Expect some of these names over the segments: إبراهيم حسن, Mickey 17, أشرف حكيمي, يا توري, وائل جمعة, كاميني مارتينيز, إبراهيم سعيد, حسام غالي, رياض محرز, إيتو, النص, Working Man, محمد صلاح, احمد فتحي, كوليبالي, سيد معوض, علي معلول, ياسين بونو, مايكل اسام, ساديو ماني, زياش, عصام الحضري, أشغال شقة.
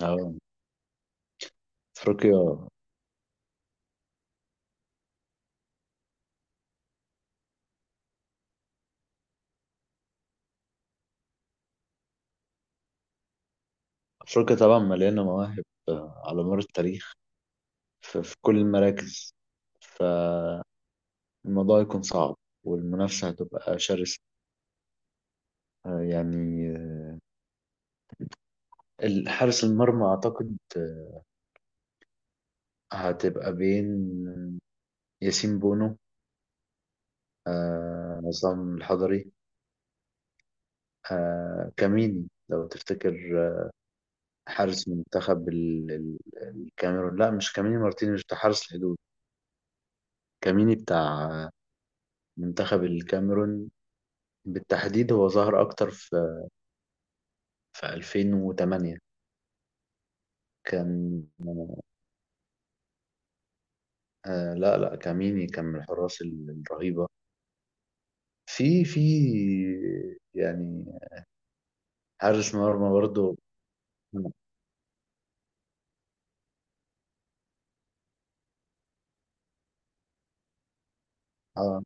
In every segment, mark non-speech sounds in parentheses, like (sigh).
اه، افريقيا افريقيا طبعا مليانه مواهب، على مر التاريخ، في كل المراكز. فالموضوع يكون صعب، والمنافسه هتبقى شرسه. آه، يعني آه، حارس المرمى اعتقد هتبقى بين ياسين بونو، عصام الحضري، كاميني لو تفتكر، آه، حارس منتخب الكاميرون. لا، مش كاميني مارتينيز بتاع حارس الحدود. كاميني بتاع منتخب الكاميرون بالتحديد. هو ظهر أكتر في 2008. كان. لا لا، كاميني كان من الحراس الرهيبة في يعني حارس مرمى برضه. اه،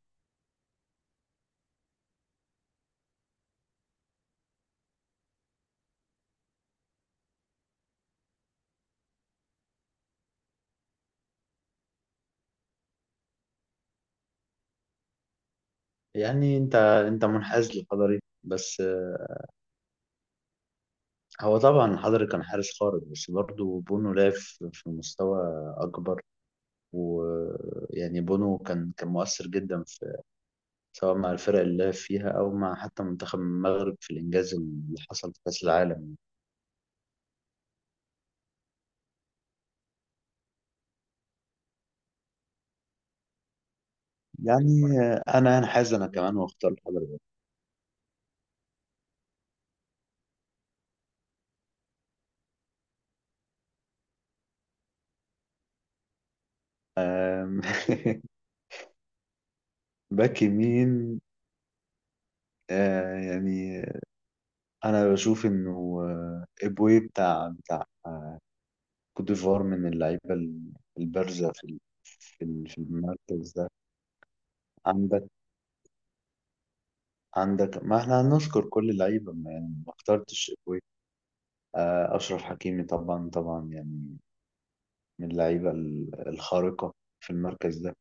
يعني انت منحاز للحضري بس، هو طبعا الحضري كان حارس خارق، بس برضه بونو لعب في مستوى أكبر. ويعني بونو كان مؤثر جدا في، سواء مع الفرق اللي لعب فيها أو مع حتى منتخب المغرب في الإنجاز اللي حصل في كأس العالم. يعني انا هنحاز انا كمان واختار حضرتك. أم، (laughs) باك يمين. يعني انا بشوف انه ابوي بتاع كوت ديفوار من اللعيبه البارزه في في المركز ده. عندك عندك، ما احنا هنذكر كل اللعيبه. ما يعني ما اخترتش ابوي. اشرف حكيمي طبعا طبعا، يعني من اللعيبه الخارقه في المركز ده.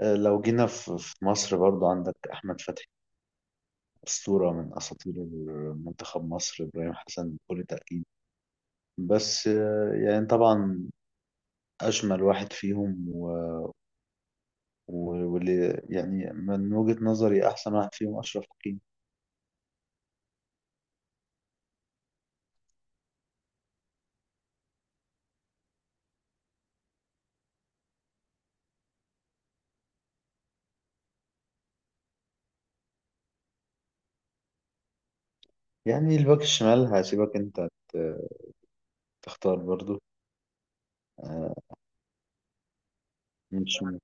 لو جينا في مصر، برضو عندك احمد فتحي، أسطورة من أساطير منتخب مصر، إبراهيم حسن بكل تأكيد. بس يعني طبعا أجمل واحد فيهم واللي يعني من وجهة نظري أحسن واحد فيهم أشرف حكيمي. يعني الباك الشمال هسيبك أنت تختار برضو. آه، مش م-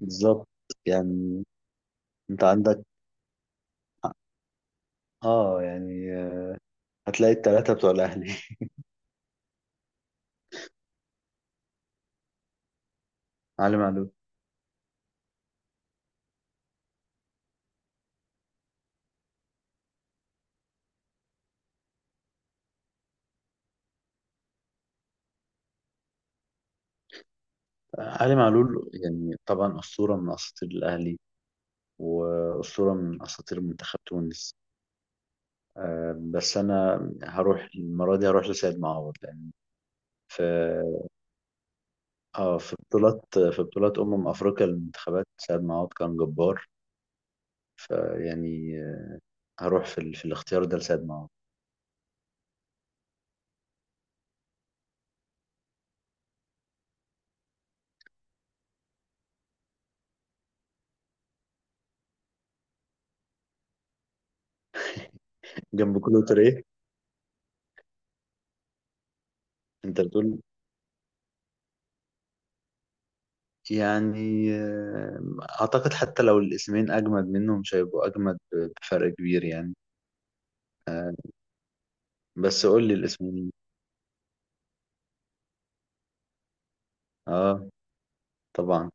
بالظبط. يعني أنت عندك. آه يعني آه، هتلاقي التلاتة بتوع الأهلي. (laughs) علي معلول علي معلول يعني طبعا أسطورة من أساطير الأهلي وأسطورة من أساطير منتخب تونس. بس انا هروح المره دي، هروح لسيد معوض، لان في اه في بطولات في بطولات افريقيا للمنتخبات سيد معوض كان جبار. فيعني، هروح في الاختيار ده لسيد معوض. جنب كلوتر ايه؟ انت بتقول؟ يعني اعتقد حتى لو الاسمين اجمد منهم مش هيبقوا اجمد بفرق كبير يعني. آه، بس قول لي الاسمين. اه، طبعا.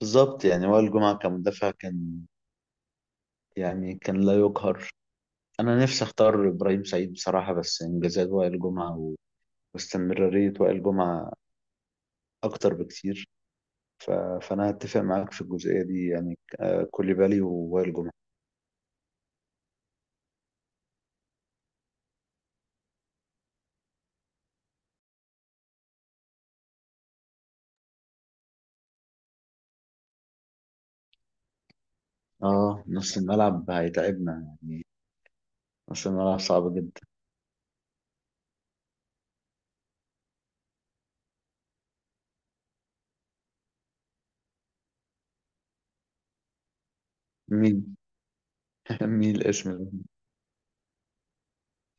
بالظبط. يعني وائل جمعة كمدافع كان، يعني كان لا يقهر. انا نفسي اختار ابراهيم سعيد بصراحه، بس انجازات وائل جمعه واستمراريه وائل جمعه اكتر بكتير. ف... فانا هتفق معاك في الجزئيه دي، يعني كوليبالي ووائل جمعه. اه، نص الملعب هيتعبنا. نص الملعب صعب جدا. مين؟ (laughs) مين الاسم ده؟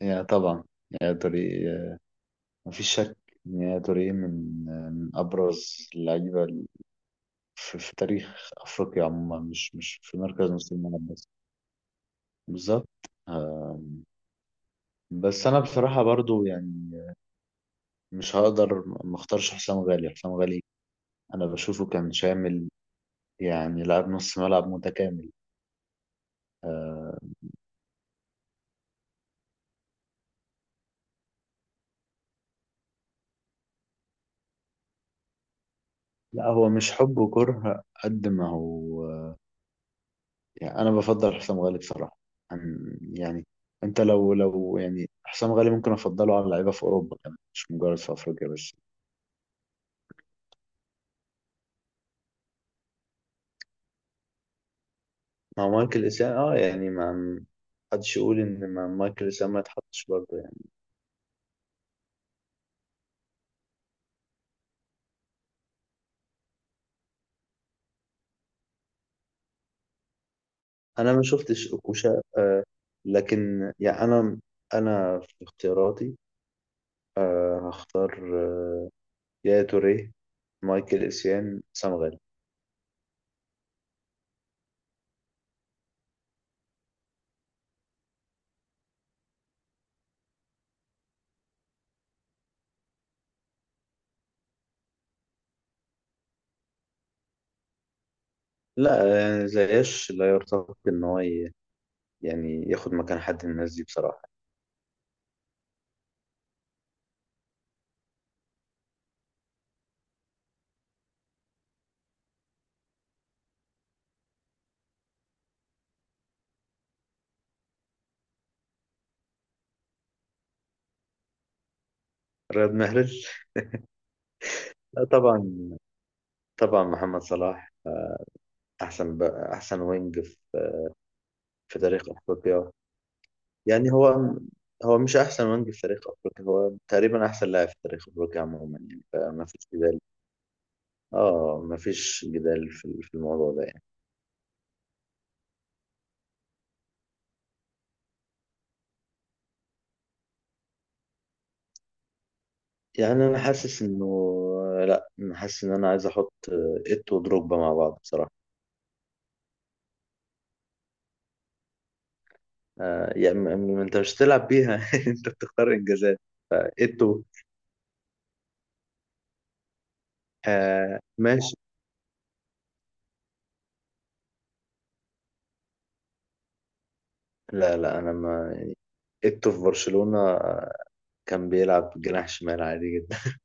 يا، طبعا. يا توري، مفيش شك إن يا توري من من ابرز اللعيبه في تاريخ افريقيا عموما، مش في مركز نص الملعب بس. بالظبط. بس انا بصراحة برضو يعني مش هقدر ما اختارش حسام غالي. حسام غالي. انا بشوفه كان شامل، يعني لاعب نص ملعب متكامل. لا، هو مش حب وكره قد ما هو، يعني انا بفضل حسام غالي بصراحة عن، يعني انت لو يعني حسام غالي ممكن افضله على لعيبة في اوروبا كمان، مش مجرد في افريقيا بس. مع مايكل اسام يعني ما حدش يقول ان ما مايكل اسام ما يتحطش برضه. انا ما شفتش اوكوشا. لكن يعني انا في اختياراتي هختار آه يا توريه، مايكل اسيان، سام غالي. لا يعني زياش لا يرتقي ان هو يعني ياخد مكان حد من الناس دي بصراحه. رياض محرز؟ لا، طبعا. طبعا محمد صلاح، احسن بقى احسن وينج في تاريخ افريقيا. يعني هو مش احسن وينج في تاريخ افريقيا، هو تقريبا احسن لاعب في تاريخ افريقيا عموما يعني، فما فيش جدال. اه، مفيش جدال في الموضوع ده يعني. يعني انا حاسس انه، لا، انا حاسس ان انا عايز احط ات ودروجبا مع بعض بصراحه. يعني انت مش هتلعب بيها. (laughs) انت بتختار انجازات. اتو، ماشي. لا لا، انا ما اتو في برشلونه كان بيلعب جناح شمال عادي جدا. (laughs)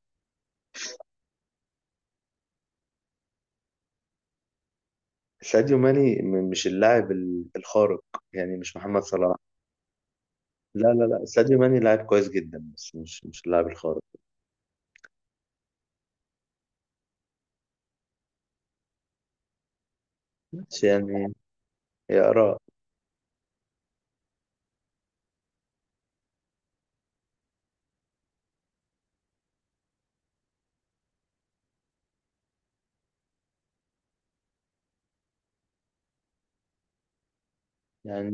ساديو ماني مش اللاعب الخارق، يعني مش محمد صلاح. لا لا لا، ساديو ماني لاعب كويس جدا، بس مش اللاعب الخارق. ماشي، يعني يا اراء. يعني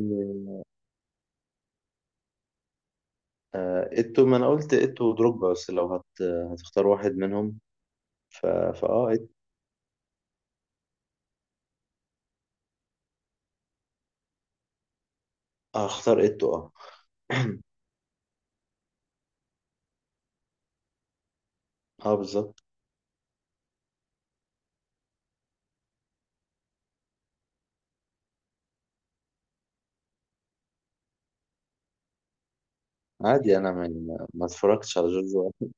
إيتو، ما أنا قلت إيتو ودروجبا. بس لو هتختار واحد منهم، ف... فأه إيتو. هختار إيتو، أه. (clears throat) أه، بالظبط. عادي، أنا ما, ما اتفرجتش على جورج وقت.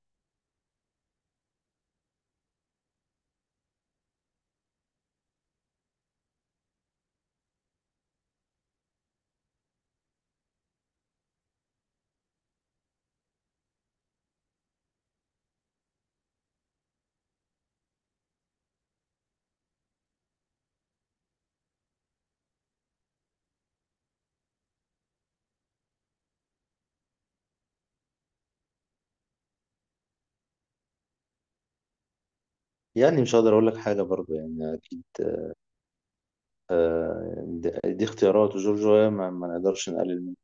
يعني مش هقدر أقول لك حاجة برضه، يعني أكيد. دي اختيارات، وجورج ويا ما نقدرش نقلل.